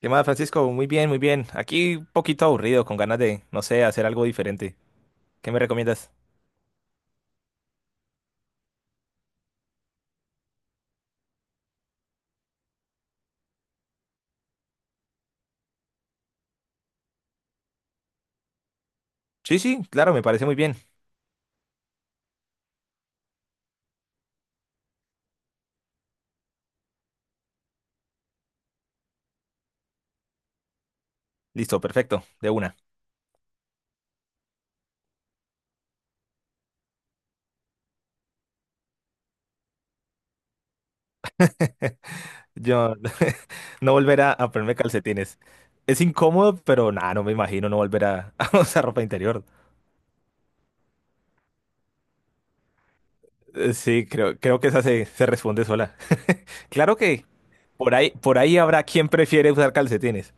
¿Qué más, Francisco? Muy bien, muy bien. Aquí un poquito aburrido, con ganas de, no sé, hacer algo diferente. ¿Qué me recomiendas? Sí, sí, claro, me parece muy bien. Listo, perfecto, de una. Yo no volver a ponerme calcetines. Es incómodo, pero nada, no me imagino no volver a usar ropa interior. Sí, creo que se responde sola. Claro que por ahí habrá quien prefiere usar calcetines.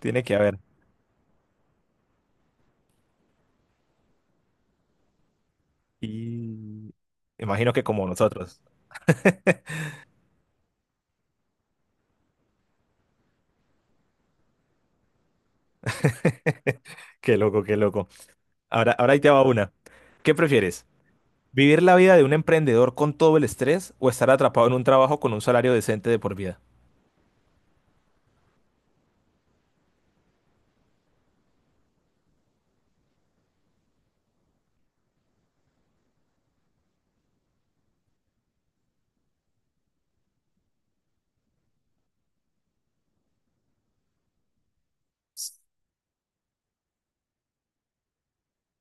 Tiene que haber. Y imagino que como nosotros. Qué loco, qué loco. Ahora ahí te va una. ¿Qué prefieres? ¿Vivir la vida de un emprendedor con todo el estrés o estar atrapado en un trabajo con un salario decente de por vida?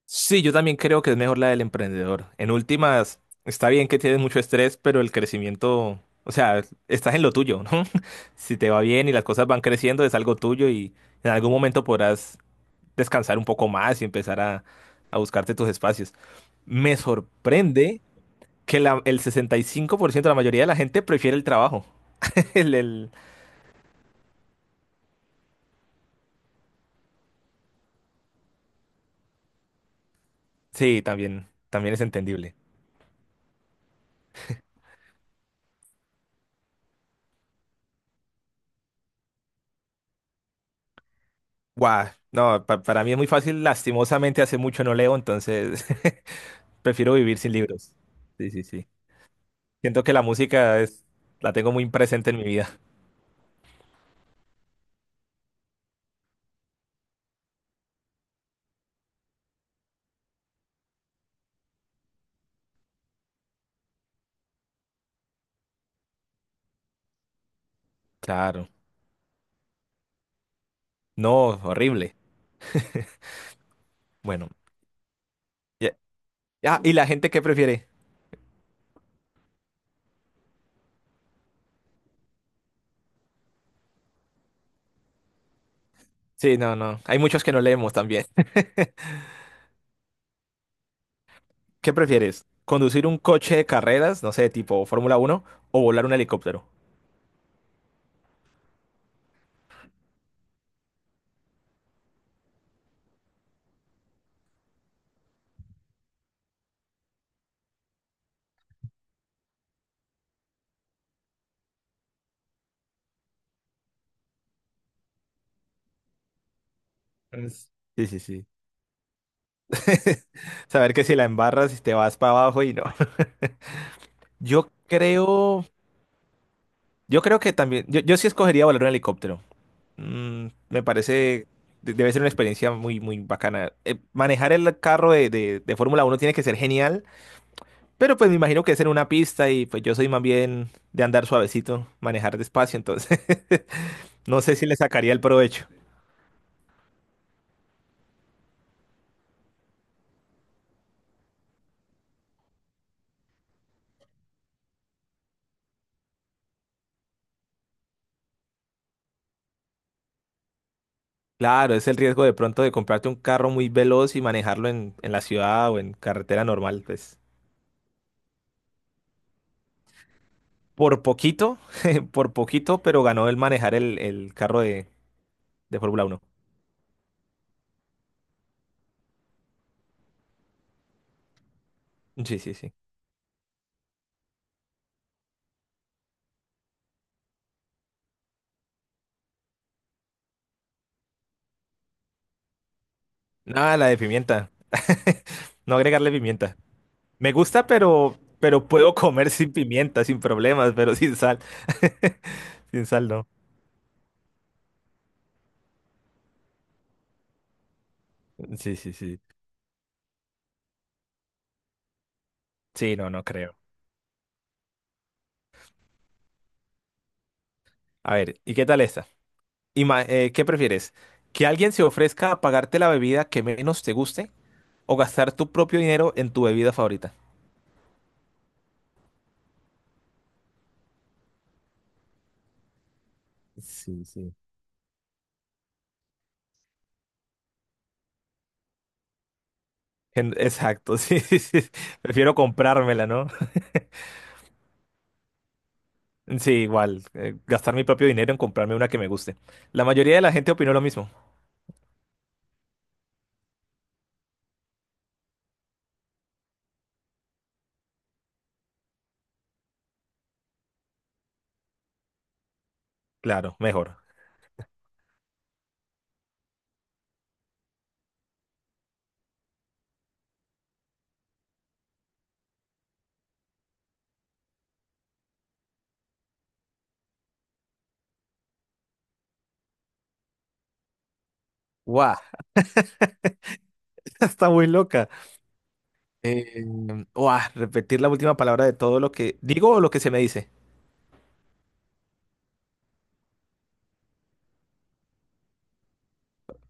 Sí, yo también creo que es mejor la del emprendedor. En últimas, está bien que tienes mucho estrés, pero el crecimiento, o sea, estás en lo tuyo, ¿no? Si te va bien y las cosas van creciendo, es algo tuyo y en algún momento podrás descansar un poco más y empezar a buscarte tus espacios. Me sorprende que el 65% de la mayoría de la gente prefiere el trabajo. El, el- Sí, también, también es entendible. Guau, no, para mí es muy fácil, lastimosamente hace mucho no leo, entonces prefiero vivir sin libros. Sí, sí, sí. Siento que la música es, la tengo muy presente en mi vida. Claro. No, horrible. Bueno. ya- Ah, ¿y la gente qué prefiere? Sí, no, no. Hay muchos que no leemos también. ¿Qué prefieres? ¿Conducir un coche de carreras, no sé, tipo Fórmula uno o volar un helicóptero? Es- Sí, sí, sí. Saber que si la embarras te vas para abajo y no. Yo creo. Yo creo que también, yo sí escogería volar un helicóptero. Mm, me parece, debe ser una experiencia muy, muy bacana. Manejar el carro de Fórmula uno tiene que ser genial, pero pues me imagino que es en una pista y pues yo soy más bien de andar suavecito, manejar despacio, entonces no sé si le sacaría el provecho. Claro, es el riesgo de pronto de comprarte un carro muy veloz y manejarlo en la ciudad o en carretera normal, pues por poquito, por poquito, pero ganó el manejar el carro de Fórmula uno. Sí, sí, sí. Nada, la de pimienta. No agregarle pimienta. Me gusta, pero puedo comer sin pimienta, sin problemas, pero sin sal. Sin sal, no. Sí, sí, sí. Sí, no, no creo. A ver, ¿y qué tal esta? ¿Qué prefieres? ¿Que alguien se ofrezca a pagarte la bebida que menos te guste o gastar tu propio dinero en tu bebida favorita? Sí, sí. Exacto, sí, sí, sí. Prefiero comprármela, ¿no? Sí, igual. Gastar mi propio dinero en comprarme una que me guste. La mayoría de la gente opinó lo mismo. Claro, mejor. ¡Guau! Está muy loca. Eh, ¡Guau! Repetir la última palabra de todo lo que digo o lo que se me dice.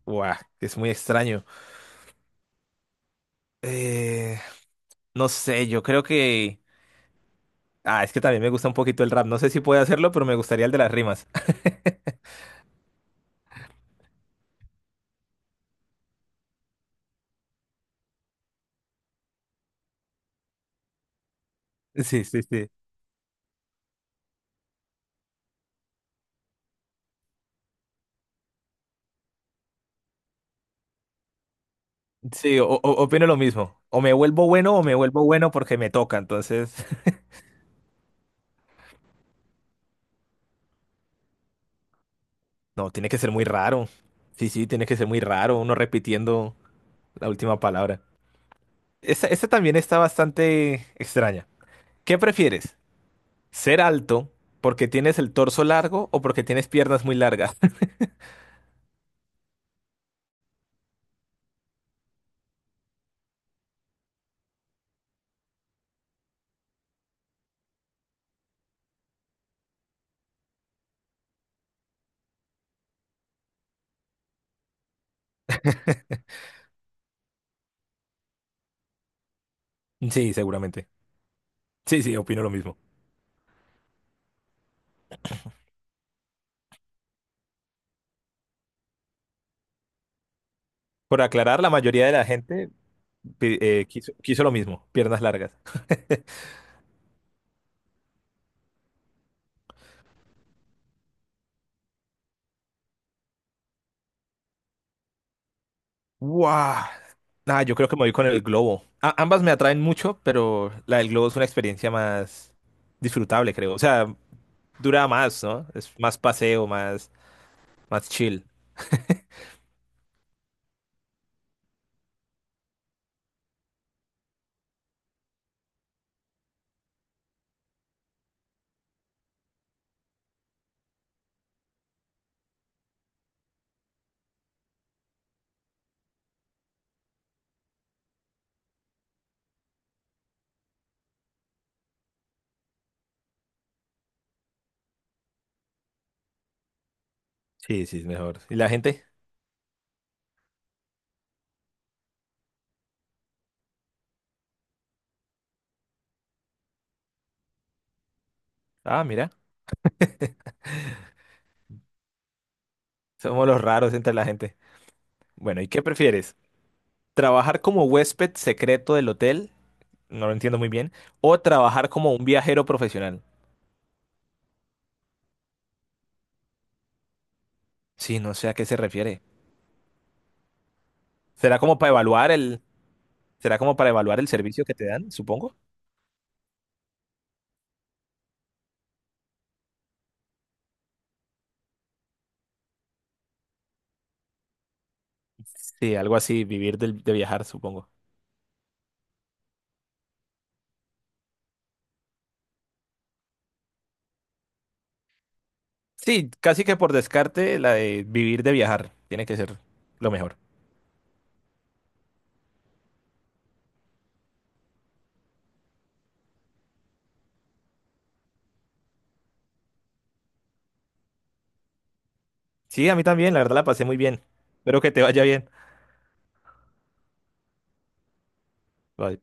¡Guau! Es muy extraño. Eh, no sé, yo creo que... Ah, es que también me gusta un poquito el rap. No sé si puedo hacerlo, pero me gustaría el de las rimas. Sí, sí, sí. Sí, opino lo mismo. O me vuelvo bueno o me vuelvo bueno porque me toca. Entonces, no, tiene que ser muy raro. Sí, sí, tiene que ser muy raro uno repitiendo la última palabra. Esta también está bastante extraña. ¿Qué prefieres? ¿Ser alto porque tienes el torso largo o porque tienes piernas muy largas? Sí, seguramente. Sí, sí, opino lo mismo. Por aclarar, la mayoría de la gente quiso lo mismo, piernas largas. ¡Wow! Ah, yo creo que me voy con el globo. Ambas me atraen mucho, pero la del globo es una experiencia más disfrutable, creo. O sea, dura más, ¿no? Es más paseo, más, más chill. Sí, sí, es mejor. ¿Y la gente? Ah, mira, somos los raros entre la gente. Bueno, ¿y qué prefieres? Trabajar como huésped secreto del hotel, no lo entiendo muy bien, o trabajar como un viajero profesional. Sí, no sé a qué se refiere. ¿Será como para evaluar será como para evaluar el servicio que te dan, supongo? Sí, algo así, vivir de, viajar, supongo. Sí, casi que por descarte la de vivir de viajar, tiene que ser lo mejor. Sí, a mí también, la verdad la pasé muy bien. Espero que te vaya bien. Bye.